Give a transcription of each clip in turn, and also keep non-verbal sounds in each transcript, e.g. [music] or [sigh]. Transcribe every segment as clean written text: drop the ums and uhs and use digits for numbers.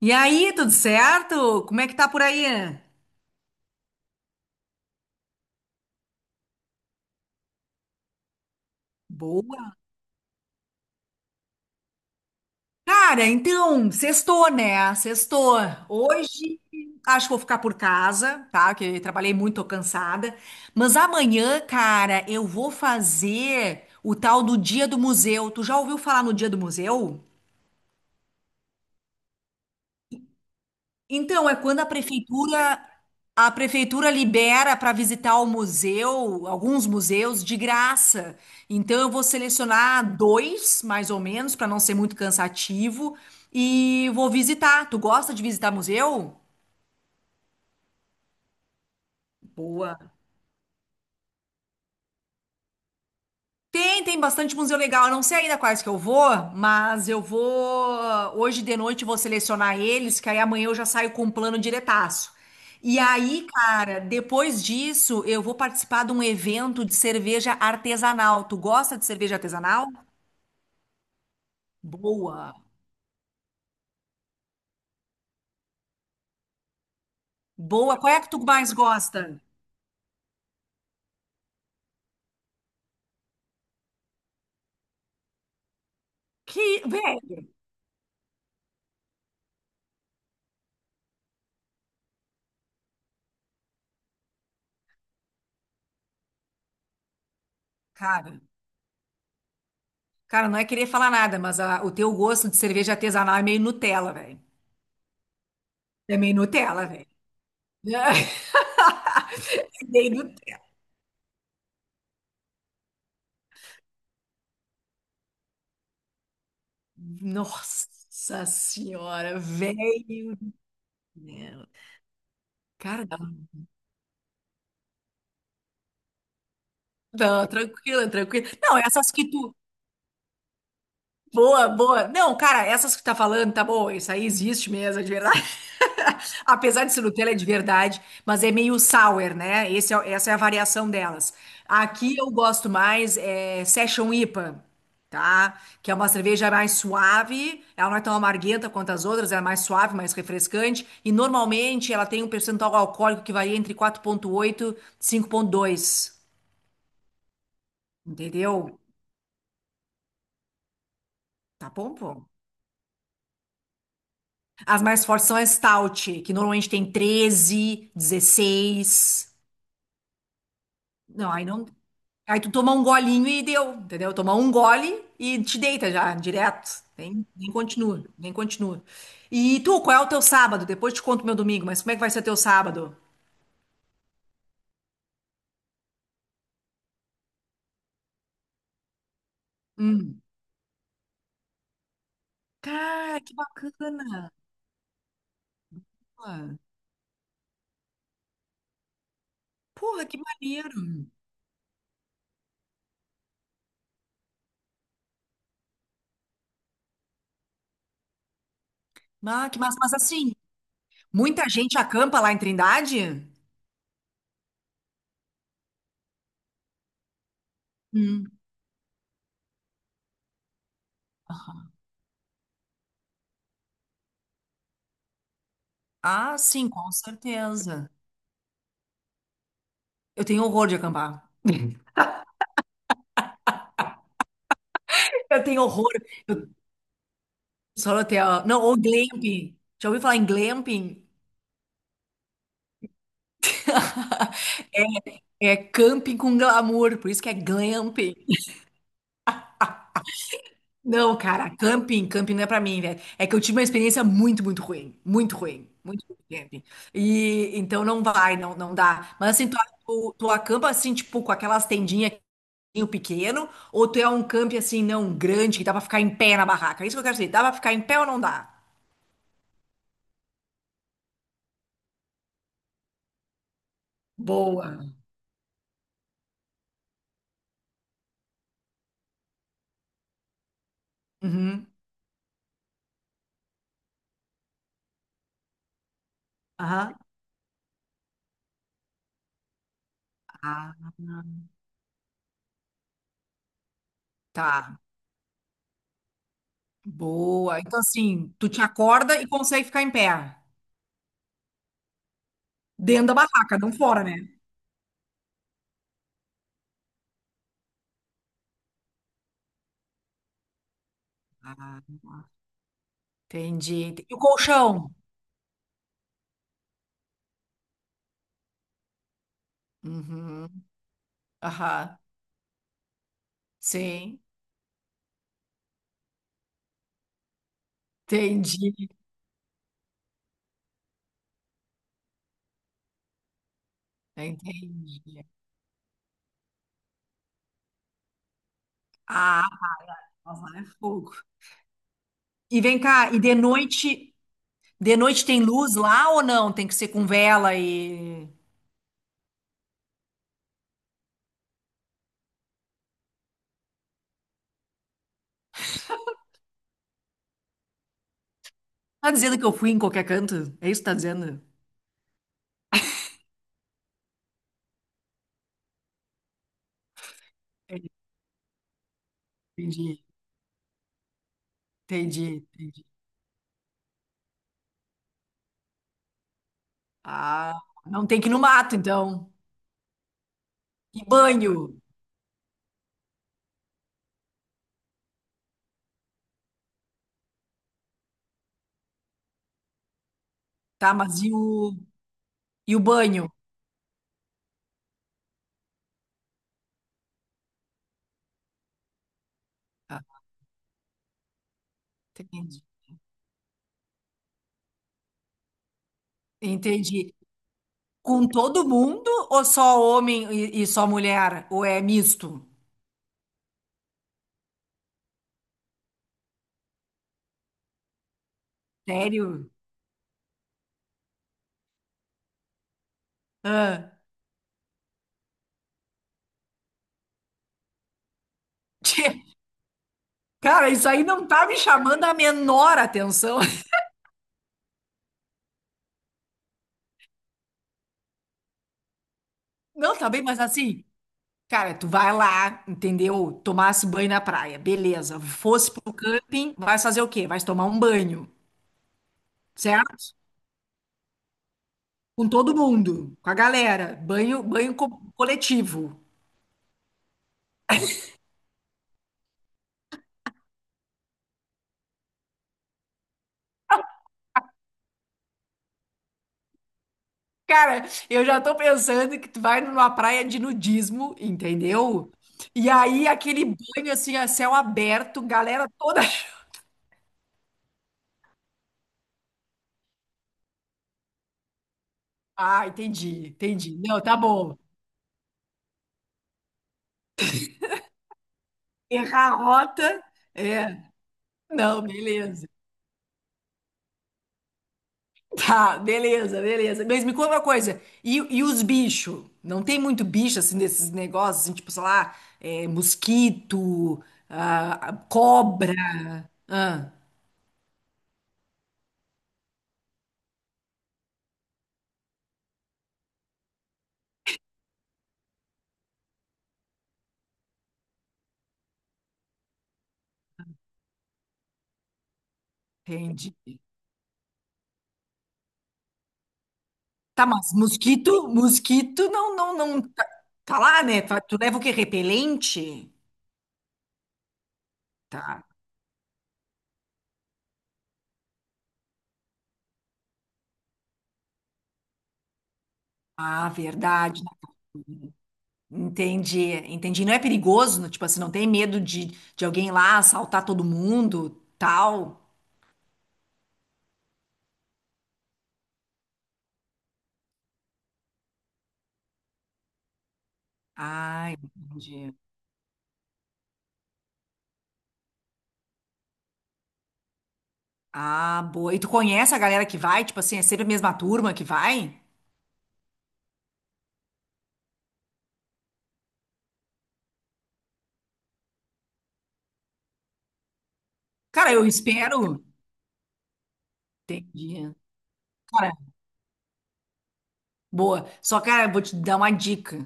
E aí, tudo certo? Como é que tá por aí? Boa. Cara, então, sextou, né? Sextou. Hoje acho que vou ficar por casa, tá? Que eu trabalhei muito, tô cansada. Mas amanhã, cara, eu vou fazer o tal do Dia do Museu. Tu já ouviu falar no Dia do Museu? Então, é quando a prefeitura libera para visitar o museu, alguns museus de graça. Então, eu vou selecionar dois, mais ou menos, para não ser muito cansativo, e vou visitar. Tu gosta de visitar museu? Boa. Tem bastante museu legal. Eu não sei ainda quais que eu vou, mas eu vou. Hoje de noite eu vou selecionar eles, que aí amanhã eu já saio com um plano diretaço. E aí, cara, depois disso eu vou participar de um evento de cerveja artesanal. Tu gosta de cerveja artesanal? Boa. Boa. Qual é a que tu mais gosta? Que, velho, cara, cara, não é querer falar nada, mas o teu gosto de cerveja artesanal é meio Nutella, velho. É meio Nutella, velho. [laughs] Nossa senhora, velho. Né? Cara, não, tranquila, tranquila. Não, é essas que tu. Boa, boa. Não, cara, essas que tá falando, tá bom, isso aí existe mesmo, é de verdade. [laughs] Apesar de ser Nutella, é de verdade, mas é meio sour, né? Essa é a variação delas. Aqui eu gosto mais é Session IPA, tá? Que é uma cerveja mais suave, ela não é tão amarguenta quanto as outras, ela é mais suave, mais refrescante, e normalmente ela tem um percentual alcoólico que varia entre 4,8 e 5,2, entendeu? Tá bom, pô? As mais fortes são a Stout, que normalmente tem 13, 16. Não, aí não. Aí tu toma um golinho e deu, entendeu? Toma um gole e te deita já, direto. Nem continua, nem continua. E tu, qual é o teu sábado? Depois te conto meu domingo, mas como é que vai ser teu sábado? Hum. Cara, que bacana. Porra, que maneiro. Ah, que massa. Mas assim, muita gente acampa lá em Trindade? Hum. Aham. Ah, sim, com certeza. Eu tenho horror de acampar. Eu tenho horror. Eu só no hotel. Não, ou glamping. Já ouviu falar em glamping? É camping com glamour, por isso que é glamping. Não, cara, camping, camping não é pra mim, velho. É que eu tive uma experiência muito, muito ruim. Muito ruim. Muito ruim, de camping. E então não vai, não, não dá. Mas assim, tu acampa assim, tipo, com aquelas tendinhas pequeno, ou tu é um camping assim, não, grande, que dá pra ficar em pé na barraca? É isso que eu quero dizer. Dá pra ficar em pé ou não dá? Boa. Uhum. Aham. Ah, tá. Boa. Então, assim, tu te acorda e consegue ficar em pé. Dentro da barraca, não fora, né? Ah, entendi. E o colchão? Uhum. Aham. Sim. Entendi. Entendi. Ah, lá é fogo. E vem cá, e de noite tem luz lá ou não? Tem que ser com vela e. Tá dizendo que eu fui em qualquer canto? É isso que tá dizendo? Entendi, entendi, entendi. Ah, não tem que ir no mato, então. E banho? Tá, mas e o banho? Tá, entendi. Entendi. Com todo mundo ou só homem e só mulher? Ou é misto? Sério? Ah. Tchê. [laughs] Cara, isso aí não tá me chamando a menor atenção. [laughs] Não, tá bem, mas assim, cara, tu vai lá, entendeu? Tomasse banho na praia, beleza. Fosse pro camping, vai fazer o quê? Vai tomar um banho, certo? Com todo mundo, com a galera. Banho, banho coletivo. Cara, eu já tô pensando que tu vai numa praia de nudismo, entendeu? E aí aquele banho assim a céu aberto, galera toda. [laughs] Ah, entendi, entendi. Não, tá bom. Errar a rota. É. Não, beleza. Tá, beleza, beleza. Mas me conta uma coisa. E os bichos? Não tem muito bicho assim desses negócios, assim, tipo, sei lá, mosquito, ah, cobra. Ah, entendi. Tá, mas mosquito, mosquito não, não, não. Tá, tá lá, né? Tu leva o quê? Repelente? Tá. Ah, verdade. Entendi, entendi. Não é perigoso, tipo assim, não tem medo de alguém lá assaltar todo mundo, tal. Ah, entendi. Ah, boa. E tu conhece a galera que vai? Tipo assim, é sempre a mesma turma que vai? Cara, eu espero. Entendi, cara. Boa. Só, cara, vou te dar uma dica.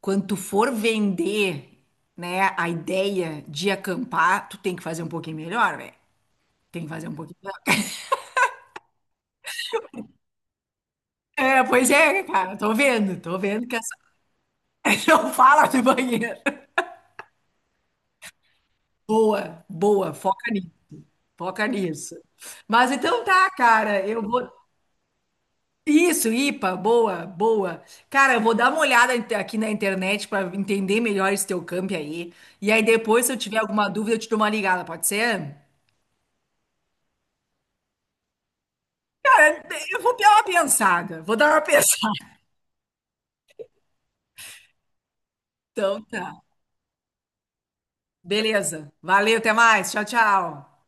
Quando tu for vender, né, a ideia de acampar, tu tem que fazer um pouquinho melhor, velho. Tem que fazer um pouquinho melhor. É, pois é, né, cara, tô vendo que essa. [laughs] Não fala do banheiro. Boa, boa, foca nisso. Foca nisso. Mas então tá, cara, eu vou. Isso, IPA, boa, boa. Cara, eu vou dar uma olhada aqui na internet para entender melhor esse teu camp aí. E aí depois, se eu tiver alguma dúvida, eu te dou uma ligada, pode ser? Cara, eu vou dar uma pensada. Vou dar uma pensada. [laughs] Então tá. Beleza. Valeu, até mais. Tchau, tchau.